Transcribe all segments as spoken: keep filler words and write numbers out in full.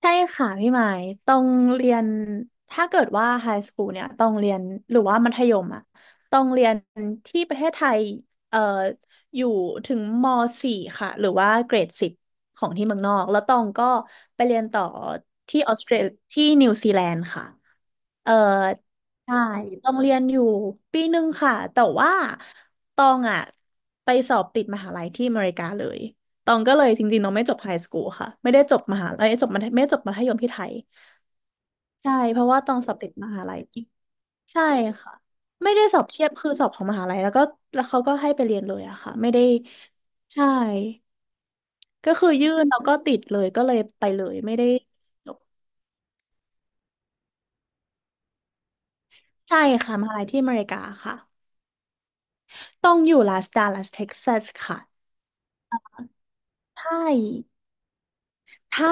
ใช่ค่ะพี่หมายต้องเรียนถ้าเกิดว่าไฮสคูลเนี่ยต้องเรียนหรือว่ามัธยมอ่ะต้องเรียนที่ประเทศไทยเอ่ออยู่ถึงม .สี่ ค่ะหรือว่าเกรดสิบของที่เมืองนอกแล้วตองก็ไปเรียนต่อที่ออสเตรที่นิวซีแลนด์ค่ะเอ่อใช่ต้องเรียนอยู่ปีหนึ่งค่ะแต่ว่าตองอ่ะไปสอบติดมหาลัยที่อเมริกาเลย ตองก็เลยจริงๆน้องไม่จบไฮสคูลค่ะไม่ได้จบมหาลัยจบมัธไม่ได้จบมัธยมที่ไทยใช่เพราะว่าตองสอบติดมหาลัยใช่ค่ะไม่ได้สอบเทียบคือสอบของมหาลัยแล้วก็แล้วเขาก็ให้ไปเรียนเลยอะค่ะไม่ได้ใช่ก็คือยื่นแล้วก็ติดเลยก็เลยไปเลยไม่ได้จบใช่ค่ะมหาลัยที่อเมริกาค่ะต้องอยู่ลาสดาลัสเท็กซัสค่ะใช่ใช่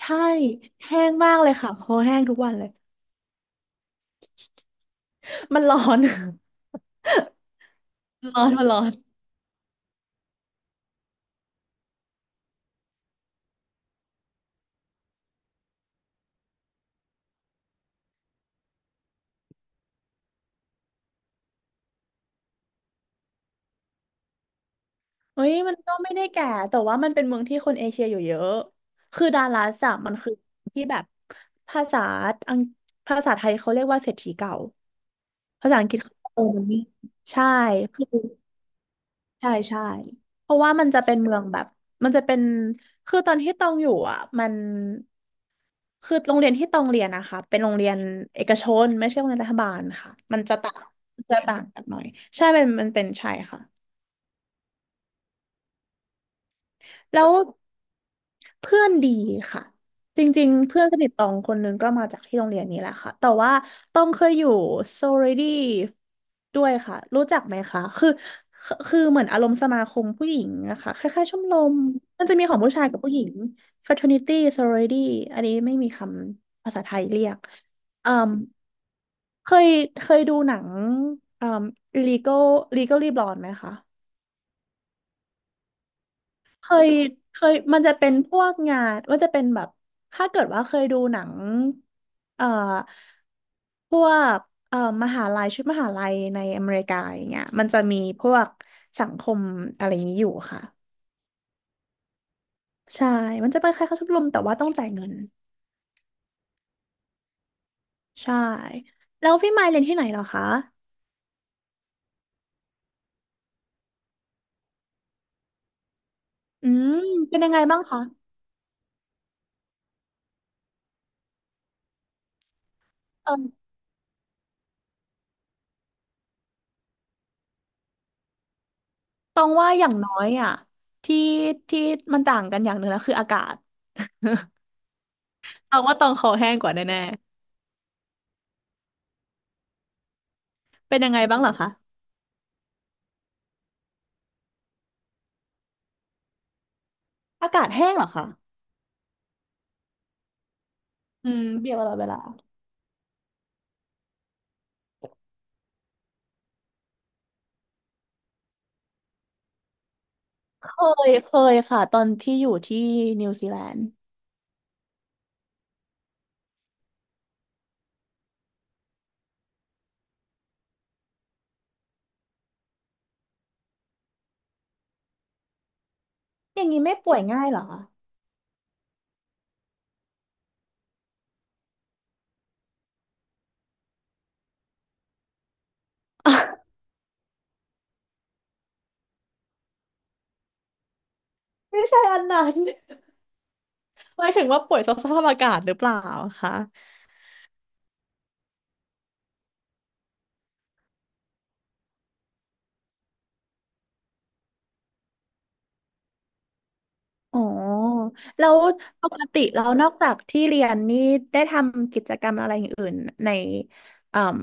ใช่แห้งมากเลยค่ะโคแห้งทุกวันเลยมันร้อน มัน ร้อนมันร้อน เฮ้ยมันก็ไม่ได้แก่แต่ว่ามันเป็นเมืองที่คนเอเชียอยู่เยอะคือดาลัสอะมันคือที่แบบภาษาอังภาษาไทยเขาเรียกว่าเศรษฐีเก่าภาษาอังกฤษเขาโอมันนี่ใช่คือใช่ใช่เพราะว่ามันจะเป็นเมืองแบบมันจะเป็นคือตอนที่ตองอยู่อ่ะมันคือโรงเรียนที่ตองเรียนนะคะเป็นโรงเรียนเอกชนไม่ใช่โรงเรียนรัฐบาลค่ะมันจะต่างจะต่างกันหน่อยใช่มันมันเป็นใช่ค่ะ แล้วเพื่อนดีค่ะจริงๆเพื่อนสนิทตองคนหนึงก็มาจากที่โรงเรียนนี้แหละค่ะแต่ว่าตองเคยอยู่โซเรดี้ด้วยค่ะรู้จักไหมคะคือคือคือเหมือนอารมณ์สมาคมผู้หญิงนะคะคล้ายๆชมรมมันจะมีของผู้ชายกับผู้หญิง fraternity sorority อันนี้ไม่มีคำภาษาไทยเรียกอืมเคยเคยดูหนังเอ่อ Legal Legally Blonde ไหมคะ เคยเคยมันจะเป็นพวกงานมันจะเป็นแบบถ้าเกิดว่าเคยดูหนังเอ่อพวกเอ่อมหาลัยชุดมหาลัยในอเมริกาอย่างเงี้ยมันจะมีพวกสังคมอะไรอย่างนี้อยู่ค่ะใช่มันจะเป็นคล้ายๆชมรมแต่ว่าต้องจ่ายเงินใช่แล้วพี่มายเรียนที่ไหนเหรอคะอืมเป็นยังไงบ้างคะเออตรงว่าอย่างน้อยอ่ะที่ที่มันต่างกันอย่างหนึ่งแล้วคืออากาศ ตรงว่าตรงคอแห้งกว่าแน่ๆเป็นยังไงบ้างเหรอคะ อากาศแห้งเหรอคะอืมเบียร์ตลอดเวลา เคย เคยค่ะ ตอนที่อยู่ที่นิวซีแลนด์อย่างนี้ไม่ป่วยง่ายเหรอคะ ไม่ใช่อันนั้นหมายถึงว่าป่วยสภาพอากาศหรือเปล่าคะ อ๋อ แล้วปกติแล้วนอกจากที่เรียนนี่ ได้ทำกิจกรรมอะไรอย่างอื่นในเอ่ม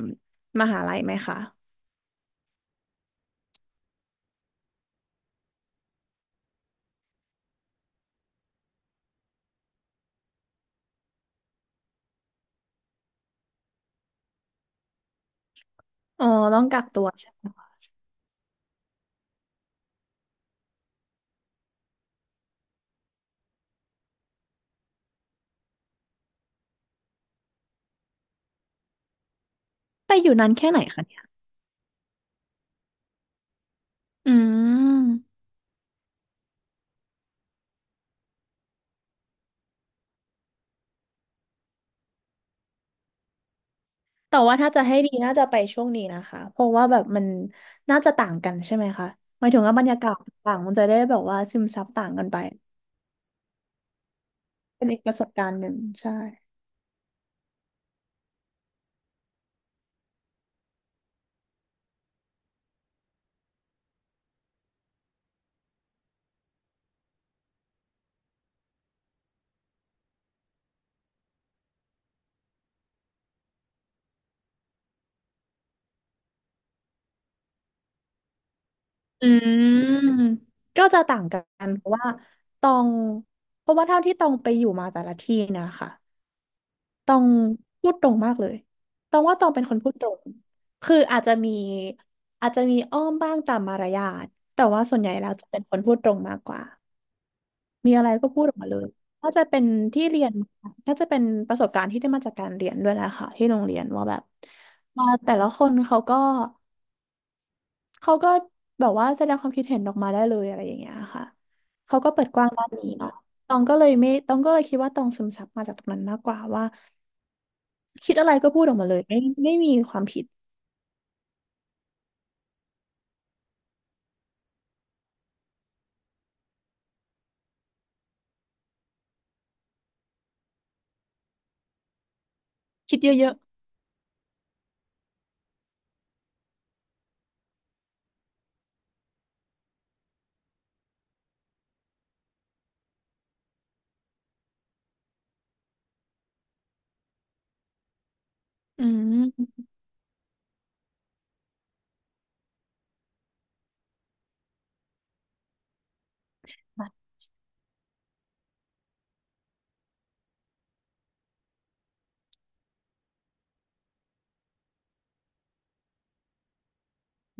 มหาลัยไหมคะ อ๋อ ต้องกักตัวใช่ไหมคะไปอยู่นานแค่ไหนคะเนี่ยอืม แต่ว่าถ้าจะให้ดีน่าจะไปช่วงนี้นะคะเพราะว่าแบบมันน่าจะต่างกันใช่ไหมคะหมายถึงว่าบรรยากาศต่างมันจะได้แบบว่าซึมซับต่างกันไปเป็นอีกประสบการณ์หนึ่งใช่อืมก็จะต่างกันเพราะว่าตองเพราะว่าเท่าที่ตองไปอยู่มาแต่ละที่นะคะตองพูดตรงมากเลยตองว่าตองเป็นคนพูดตรงคืออาจจะมีอาจจะมีอ้อมบ้างตามมารยาทแต่ว่าส่วนใหญ่แล้วจะเป็นคนพูดตรงมากกว่า มีอะไรก็พูดออกมาเลยน่าจะเป็นที่เรียนมาน่าจะเป็นประสบการณ์ที่ได้มาจากการเรียนด้วยแหละค่ะที่โรงเรียนว่าแบบมาแต่ละคนเขาก็เขาก็แบบว่าแสดงความคิดเห็นออกมาได้เลยอะไรอย่างเงี้ยค่ะเขาก็เปิดกว้างด้านนี้เนาะตองก็เลยไม่ตองก็เลยคิดว่าตองซึมซับมาจากตรงนั้นมากกว่าว่าคิดอะไรก็พูดออกมาเลยไม่ไม่มีความผิดคิดเยอะๆอืม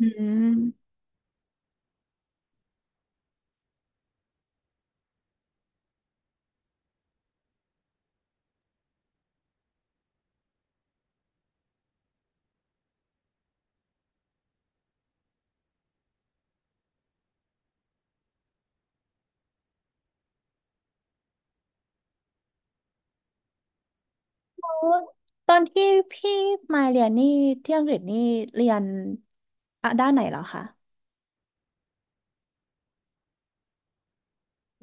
อืมตอนที่พี่มาเรียนนี่ที่อังกฤษนี่เรียนอะด้านไหนเหรอคะ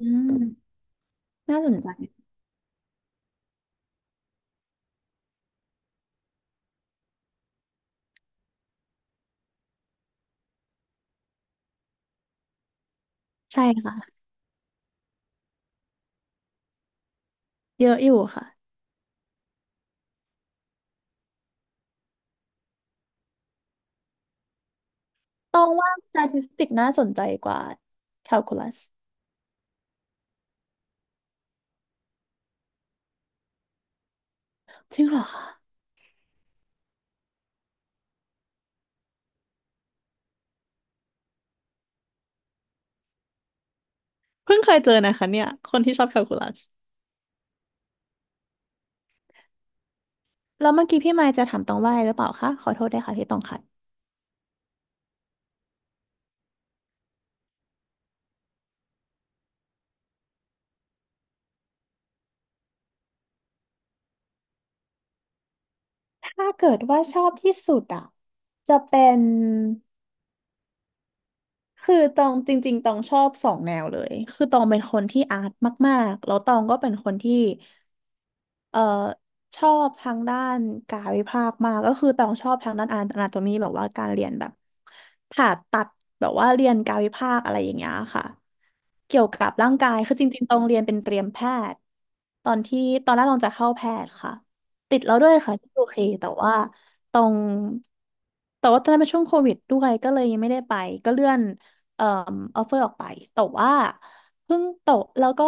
อืมน่าสนใจใช่ค่ะเยอะอยู่ค่ะต้องว่า เอส ที เอ ที ไอ เอส ที น่าสนใจกว่า Calculus จริงเหรอคะเพิ่งเคยเจอนะคะเนี่ยคนที่ชอบ Calculus แล้วเมื่อกี้พี่มายจะถามตองว่าอะไรหรือเปล่าคะขอโทษด้วยค่ะที่ต้องขัดถ้าเกิดว่าชอบที่สุดอ่ะจะเป็นคือตองจริงๆตองชอบสองแนวเลยคือตองเป็นคนที่อาร์ตมากๆแล้วตองก็เป็นคนที่ เอ่อชอบทางด้านกายวิภาคมากก็คือต้องชอบทางด้านอนาโตมีแบบว่าการเรียนแบบผ่าตัดแบบว่าเรียนกายวิภาคอะไรอย่างเงี้ยค่ะเกี่ยวกับร่างกายคือจริงๆตรงเรียนเป็นเตรียมแพทย์ตอนที่ตอนแรกตองจะเข้าแพทย์ค่ะติดแล้วด้วยค่ะที่โอเคแต่ว่าตรงแต่ว่าตอนนั้นเป็นช่วงโควิดด้วยก็เลยยังไม่ได้ไปก็เลื่อนเอ่อออฟเฟอร์ออกไปแต่ว่าเพิ่งตกแล้วก็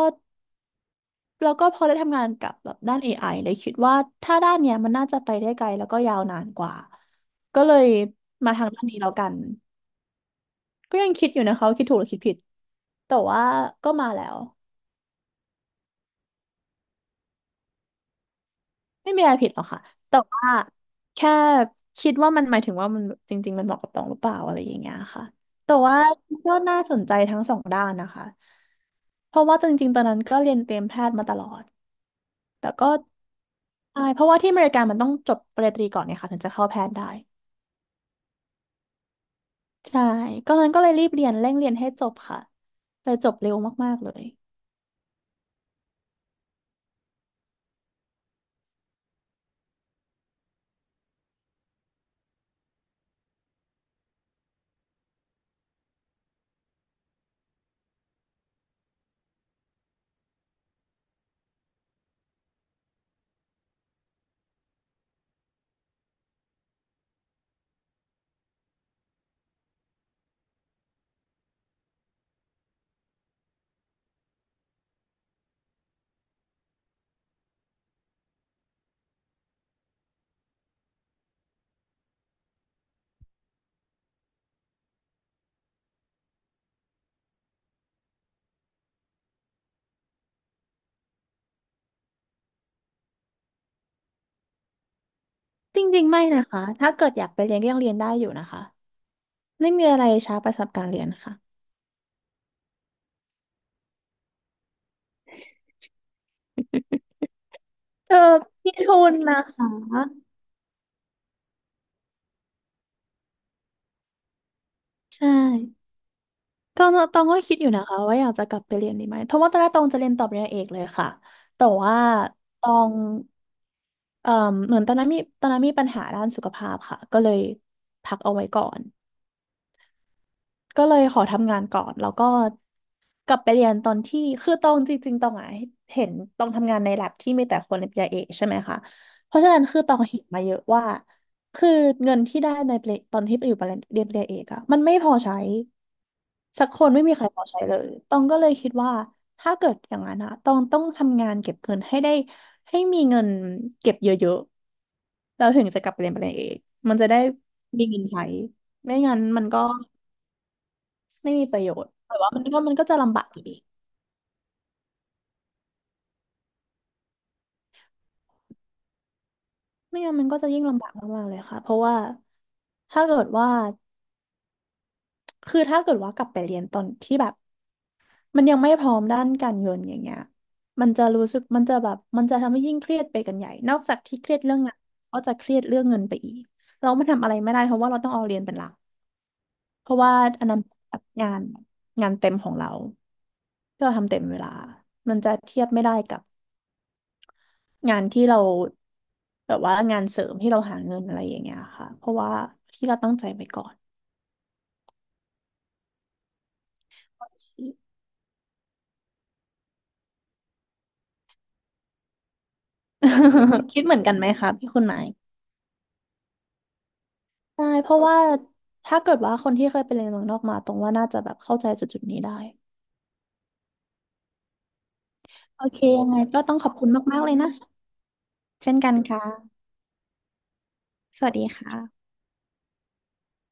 แล้วก็พอได้ทำงานกับแบบด้าน เอ ไอ เลยคิดว่าถ้าด้านเนี้ยมันน่าจะไปได้ไกลแล้วก็ยาวนานกว่าก็เลยมาทางด้านนี้แล้วกันก็ยังคิดอยู่นะคะว่าคิดถูกหรือคิดผิดแต่ว่าก็มาแล้วไม่มีอะไรผิดหรอกค่ะแต่ว่าแค่คิดว่ามันหมายถึงว่ามันจริงๆมันเหมาะกับตองหรือเปล่าอะไรอย่างเงี้ยค่ะแต่ว่าก็น่าสนใจทั้งสองด้านนะคะเพราะว่าจริงๆตอนนั้นก็เรียนเตรียมแพทย์มาตลอด แต่ก็ใช่เพราะว่าที่อเมริกามันต้องจบปริญญาตรีก่อนเนี่ยค่ะถึงจะเข้าแพทย์ได้ใช่ก็นั้นก็เลยรีบเรียนเร่งเรียนให้จบค่ะเลยจบเร็วมากๆเลยจริงๆไม่นะคะถ้าเกิดอยากไปเรียนก็ยังเรียนได้อยู่นะคะไม่มีอะไรช้าไปสำหรับการเรียนค่ะเออมีทุนนะคะใช่ก็ตองก็คิดอยู่นะคะว่าอยากจะกลับไปเรียนดีไหมเพราะว่าตอนแรกตองจะเรียนต่อปริญญาเอกเลยค่ะแต่ว่าตองเอ่อเหมือนตอนนั้นมีตอนนั้นมีปัญหาด้านสุขภาพค่ะก็เลยพักเอาไว้ก่อน ก็เลยขอทำงานก่อนแล้วก็กลับไปเรียนตอนที่คือตองจริงๆตองอ่ะเห็นตองทำงานใน แอล เอ บี ที่มีแต่คนปริญญาเอกใช่ไหมคะเพราะฉะนั้นคือตองเห็นมาเยอะว่าคือเงินที่ได้ในปริตอนที่ไปอยู่เรียนปริญญาเอกอะมันไม่พอใช้สักคนไม่มีใครพอใช้เลยตองก็เลยคิดว่าถ้าเกิดอย่างนั้นอะตองต้องทำงานเก็บเงินให้ได้ให้มีเงินเก็บเยอะๆแล้วถึงจะกลับไปเรียนปริญญาเอกมันจะได้มีเงินใช้ไม่งั้นมันก็ ไม่มีประโยชน์แต่ว่ามันก็มันก็จะลำบากอยู่ดีไม่งั้นมันก็จะยิ่งลำบากมากๆเลยค่ะเพราะว่าถ้าเกิดว่าคือถ้าเกิดว่ากลับไปเรียนตอนที่แบบมันยังไม่พร้อมด้านการเงินอย่างเงี้ยมันจะรู้สึกมันจะแบบมันจะทำให้ยิ่งเครียดไปกันใหญ่นอกจากที่เครียดเรื่องงานก็จะเครียดเรื่องเงินไปอีกเราไม่ทำอะไรไม่ได้เพราะว่าเราต้องเอาเรียนเป็นหลักเพราะว่าอันนั้นแบบงานงานเต็มของเราที่เราทำเต็มเวลามันจะเทียบไม่ได้กับ งานที่เราแบบว่างานเสริมที่เราหาเงินอะไรอย่างเงี้ยค่ะเพราะว่าที่เราตั้งใจไปก่อน คิดเหมือนกันไหมคะพี่คุณหมายใช่เพราะว่าถ้าเกิดว่าคนที่เคยไปเรียนเมืองนอกมาตรงว่าน่าจะแบบเข้าใจจุดจุดนี้ได้โอเคยังไงก็ต้องขอบคุณมากๆเลยนะคะเช่นกันค่ะสวัสดีค่ะ